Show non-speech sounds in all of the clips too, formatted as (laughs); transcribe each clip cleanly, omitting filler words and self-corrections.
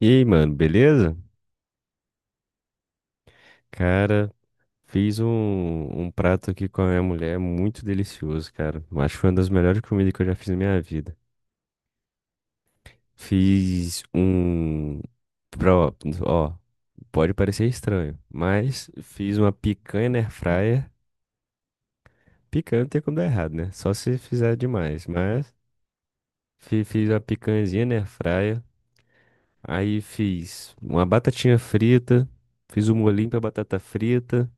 E aí, mano, beleza? Cara, fiz um prato aqui com a minha mulher muito delicioso, cara. Eu acho que foi uma das melhores comidas que eu já fiz na minha vida. Fiz um. Pro, ó, pode parecer estranho, mas fiz uma picanha na airfryer. Picanha não tem como dar errado, né? Só se fizer demais. Mas fiz uma picanhazinha na airfryer. Aí fiz uma batatinha frita. Fiz um molhinho pra batata frita.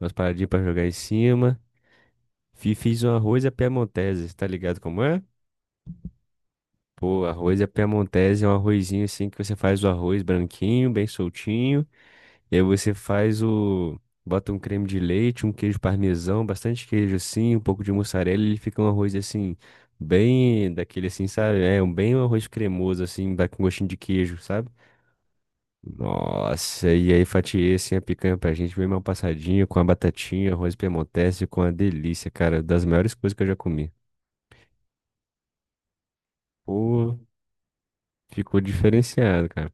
Umas paradinhas pra jogar em cima. Fiz um arroz à piemontese, tá ligado como é? Pô, arroz à piemontese é um arrozinho assim que você faz o arroz branquinho, bem soltinho. E aí você faz o. Bota um creme de leite, um queijo parmesão, bastante queijo assim, um pouco de mussarela, e ele fica um arroz assim, bem daquele assim, sabe? É um bem um arroz cremoso assim, dá com gostinho de queijo, sabe? Nossa, e aí fatiei assim a picanha pra gente, bem mal passadinha, com a batatinha, arroz piemontese, com a delícia, cara, das melhores coisas que eu já comi. Pô, ficou diferenciado, cara.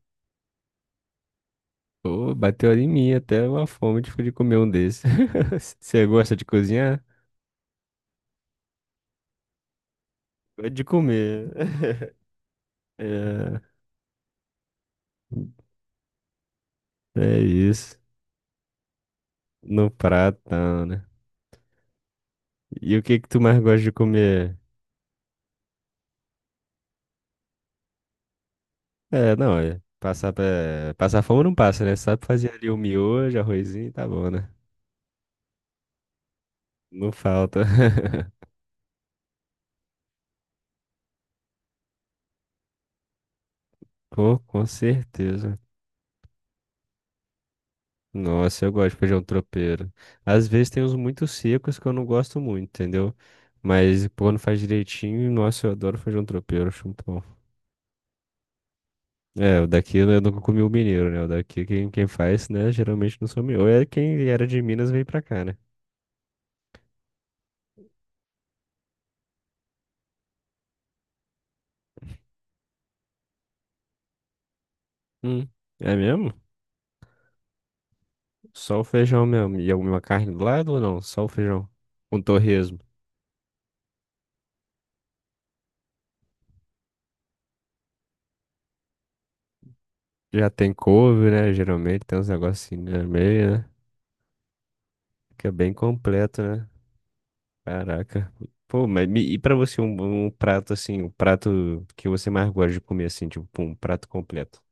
Pô, bateu ali em mim até uma fome de comer um desses. (laughs) Você gosta de cozinhar? Gosto de comer. (laughs) É, é isso. No pratão, né? E o que que tu mais gosta de comer? É, não, é. Passar, passar fome não passa, né? Sabe fazer ali o miojo, arrozinho, tá bom, né? Não falta. (laughs) Pô, com certeza. Nossa, eu gosto de feijão tropeiro. Às vezes tem uns muito secos que eu não gosto muito, entendeu? Mas quando faz direitinho, nossa, eu adoro feijão tropeiro, acho muito bom. É, o daqui eu nunca comi o mineiro, né? O daqui quem faz, né, geralmente não sou mineiro. Ou é quem era de Minas veio pra cá, né? Hum, é mesmo? Só o feijão mesmo. E alguma carne do lado ou não? Só o feijão. Um torresmo. Já tem couve, né? Geralmente tem uns negocinhos no meio, né? Que é bem completo, né? Caraca. Pô, mas e pra você um, um prato assim, um prato que você mais gosta de comer assim, tipo, pum, um prato completo.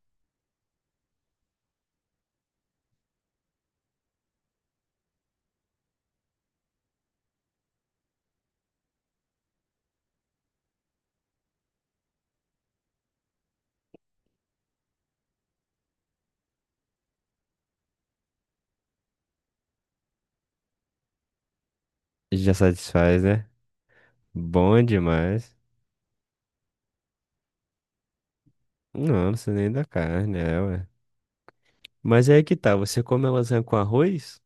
Já satisfaz, né? Bom demais. Não, não sei nem da carne, é, ué. Mas é aí que tá, você come a lasanha com arroz?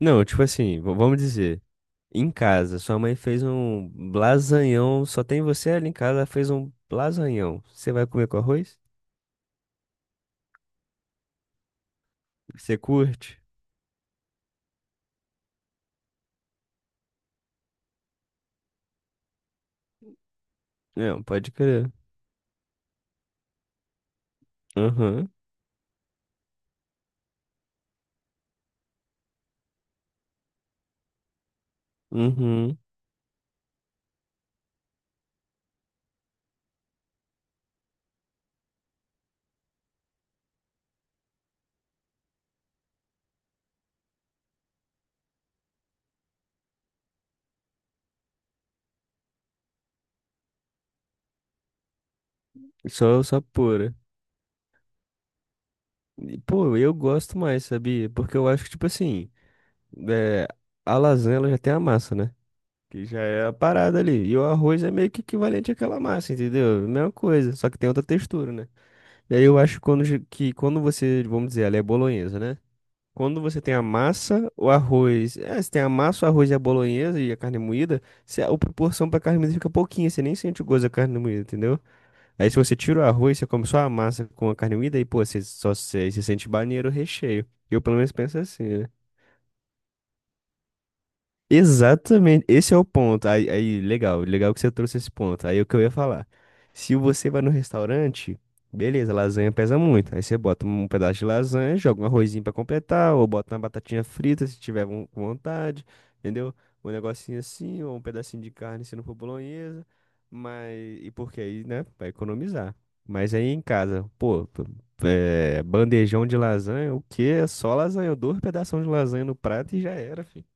Não, tipo assim, vamos dizer, em casa, sua mãe fez um lasanhão, só tem você ali em casa, ela fez um lasanhão. Você vai comer com arroz? Você curte? Não, pode crer. Aham, uhum, Só pura. E, pô, eu gosto mais, sabia? Porque eu acho que, tipo assim, é, a lasanha ela já tem a massa, né? Que já é a parada ali. E o arroz é meio que equivalente àquela massa, entendeu? Mesma coisa, só que tem outra textura, né? E aí eu acho quando, que quando você, vamos dizer, ela é bolonhesa, né? Quando você tem a massa, o arroz. É, você tem a massa, o arroz e a bolonhesa e a carne moída, se a proporção pra carne moída fica pouquinha, você nem sente o gosto da carne moída, entendeu? Aí se você tira o arroz, você come só a massa com a carne moída e, pô, você sente banheiro o recheio. Eu pelo menos penso assim, né? Exatamente, esse é o ponto. Aí, legal que você trouxe esse ponto. Aí é o que eu ia falar. Se você vai no restaurante, beleza, lasanha pesa muito. Aí você bota um pedaço de lasanha, joga um arrozinho pra completar, ou bota uma batatinha frita se tiver com vontade, entendeu? Um negocinho assim, ou um pedacinho de carne se não for bolonhesa. Mas, e porque aí, né, vai economizar. Mas aí em casa, pô, é, bandejão de lasanha, o quê? É só lasanha, dois pedaços de lasanha no prato e já era, filho.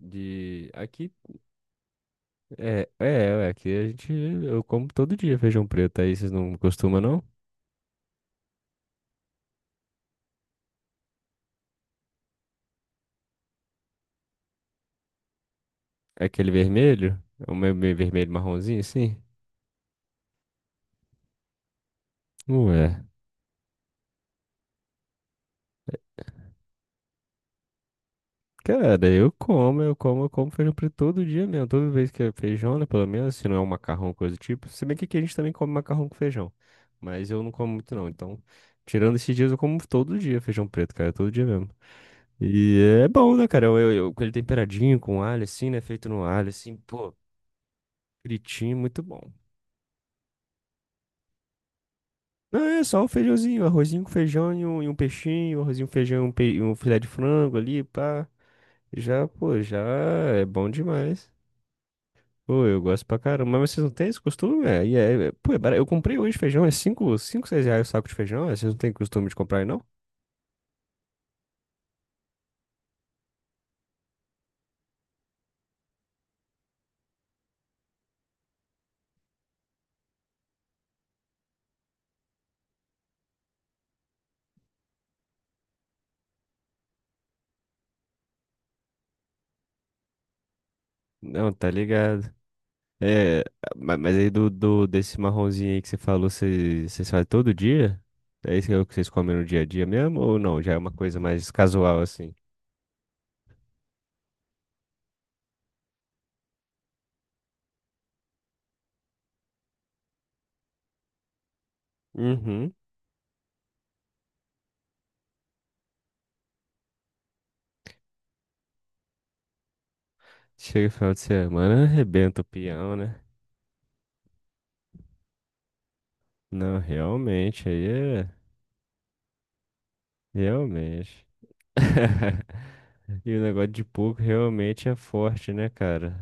De aqui é, é, é, aqui a gente eu como todo dia feijão preto, aí vocês não costumam não? É aquele vermelho? É o meio vermelho marronzinho assim? Ué. Cara, eu como feijão preto todo dia mesmo, toda vez que é feijão, né, pelo menos, se não é um macarrão, coisa do tipo. Se bem que aqui a gente também come macarrão com feijão, mas eu não como muito não, então, tirando esses dias, eu como todo dia feijão preto, cara, todo dia mesmo. E é bom, né, cara? Com ele temperadinho, com alho, assim, né? Feito no alho, assim, pô, fritinho, muito bom. Não, é só o feijãozinho, arrozinho com feijão e um peixinho, um arrozinho com feijão, e um filé de frango ali, pá. Já, pô, já é bom demais. Pô, eu gosto pra caramba. Mas vocês não têm esse costume? É, e é, pô, é barato. Eu comprei hoje feijão, é cinco 6 reais o saco de feijão. Vocês não têm costume de comprar aí, não? Não, tá ligado. É, mas aí do, desse marronzinho aí que você falou, vocês fazem todo dia? É isso que é o que vocês comem no dia a dia mesmo? Ou não? Já é uma coisa mais casual assim? Uhum. Chega o final de semana, arrebenta o peão, né? Não, realmente, aí é. Realmente. (laughs) E o negócio de porco realmente é forte, né, cara?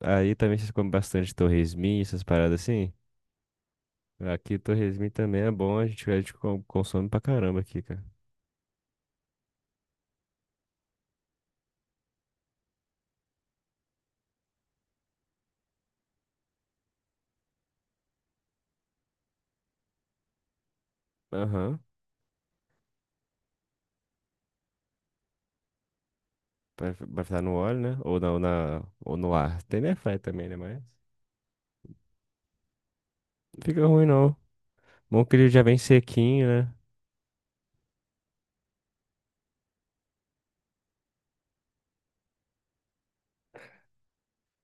Aí também vocês comem bastante torresminho, essas paradas assim? Aqui torresminho também é bom, a gente consome pra caramba aqui, cara. Aham. Pra fritar no óleo, né? Ou no ar. Tem airfryer também, né? Mas não fica ruim, não. Bom que ele já vem sequinho, né?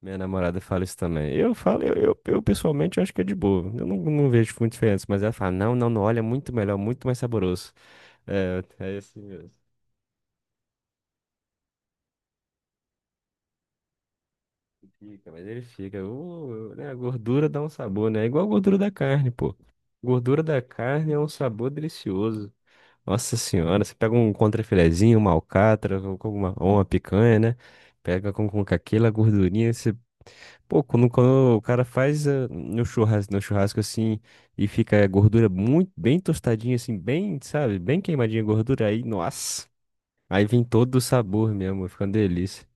Minha namorada fala isso também. Eu falo, eu pessoalmente acho que é de boa. Eu não vejo muita diferença, mas ela fala, não, não, não, olha, é muito melhor, muito mais saboroso. É, assim mesmo. Fica, mas ele fica. Né, a gordura dá um sabor, né? É igual a gordura da carne, pô. Gordura da carne é um sabor delicioso. Nossa senhora, você pega um contrafilezinho, uma alcatra, com uma, ou uma picanha, né? Pega com aquela gordurinha, pô, quando o cara faz no churrasco, assim e fica a gordura muito bem tostadinha assim, bem, sabe, bem queimadinha a gordura aí, nossa. Aí vem todo o sabor mesmo, fica uma delícia.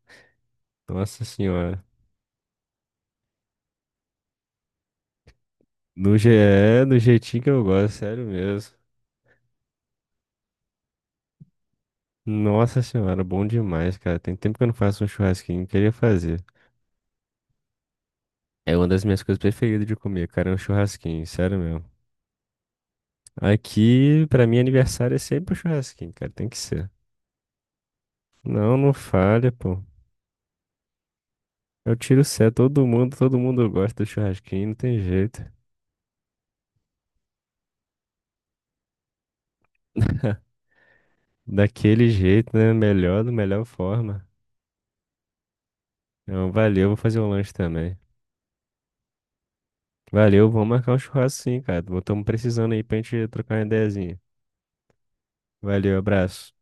Nossa senhora. No je- é, Do jeitinho que eu gosto, sério mesmo. Nossa senhora, bom demais, cara. Tem tempo que eu não faço um churrasquinho, queria fazer. É uma das minhas coisas preferidas de comer, cara, é um churrasquinho, sério mesmo. Aqui, pra mim, aniversário é sempre um churrasquinho, cara, tem que ser. Não, não falha, pô. Eu tiro o céu, todo mundo gosta do churrasquinho, não tem jeito. Daquele jeito, né? Melhor, da melhor forma. Então, valeu, vou fazer um lanche também. Valeu, vamos marcar um churrasco sim, cara. Estamos precisando aí pra gente trocar uma ideiazinha. Valeu, abraço.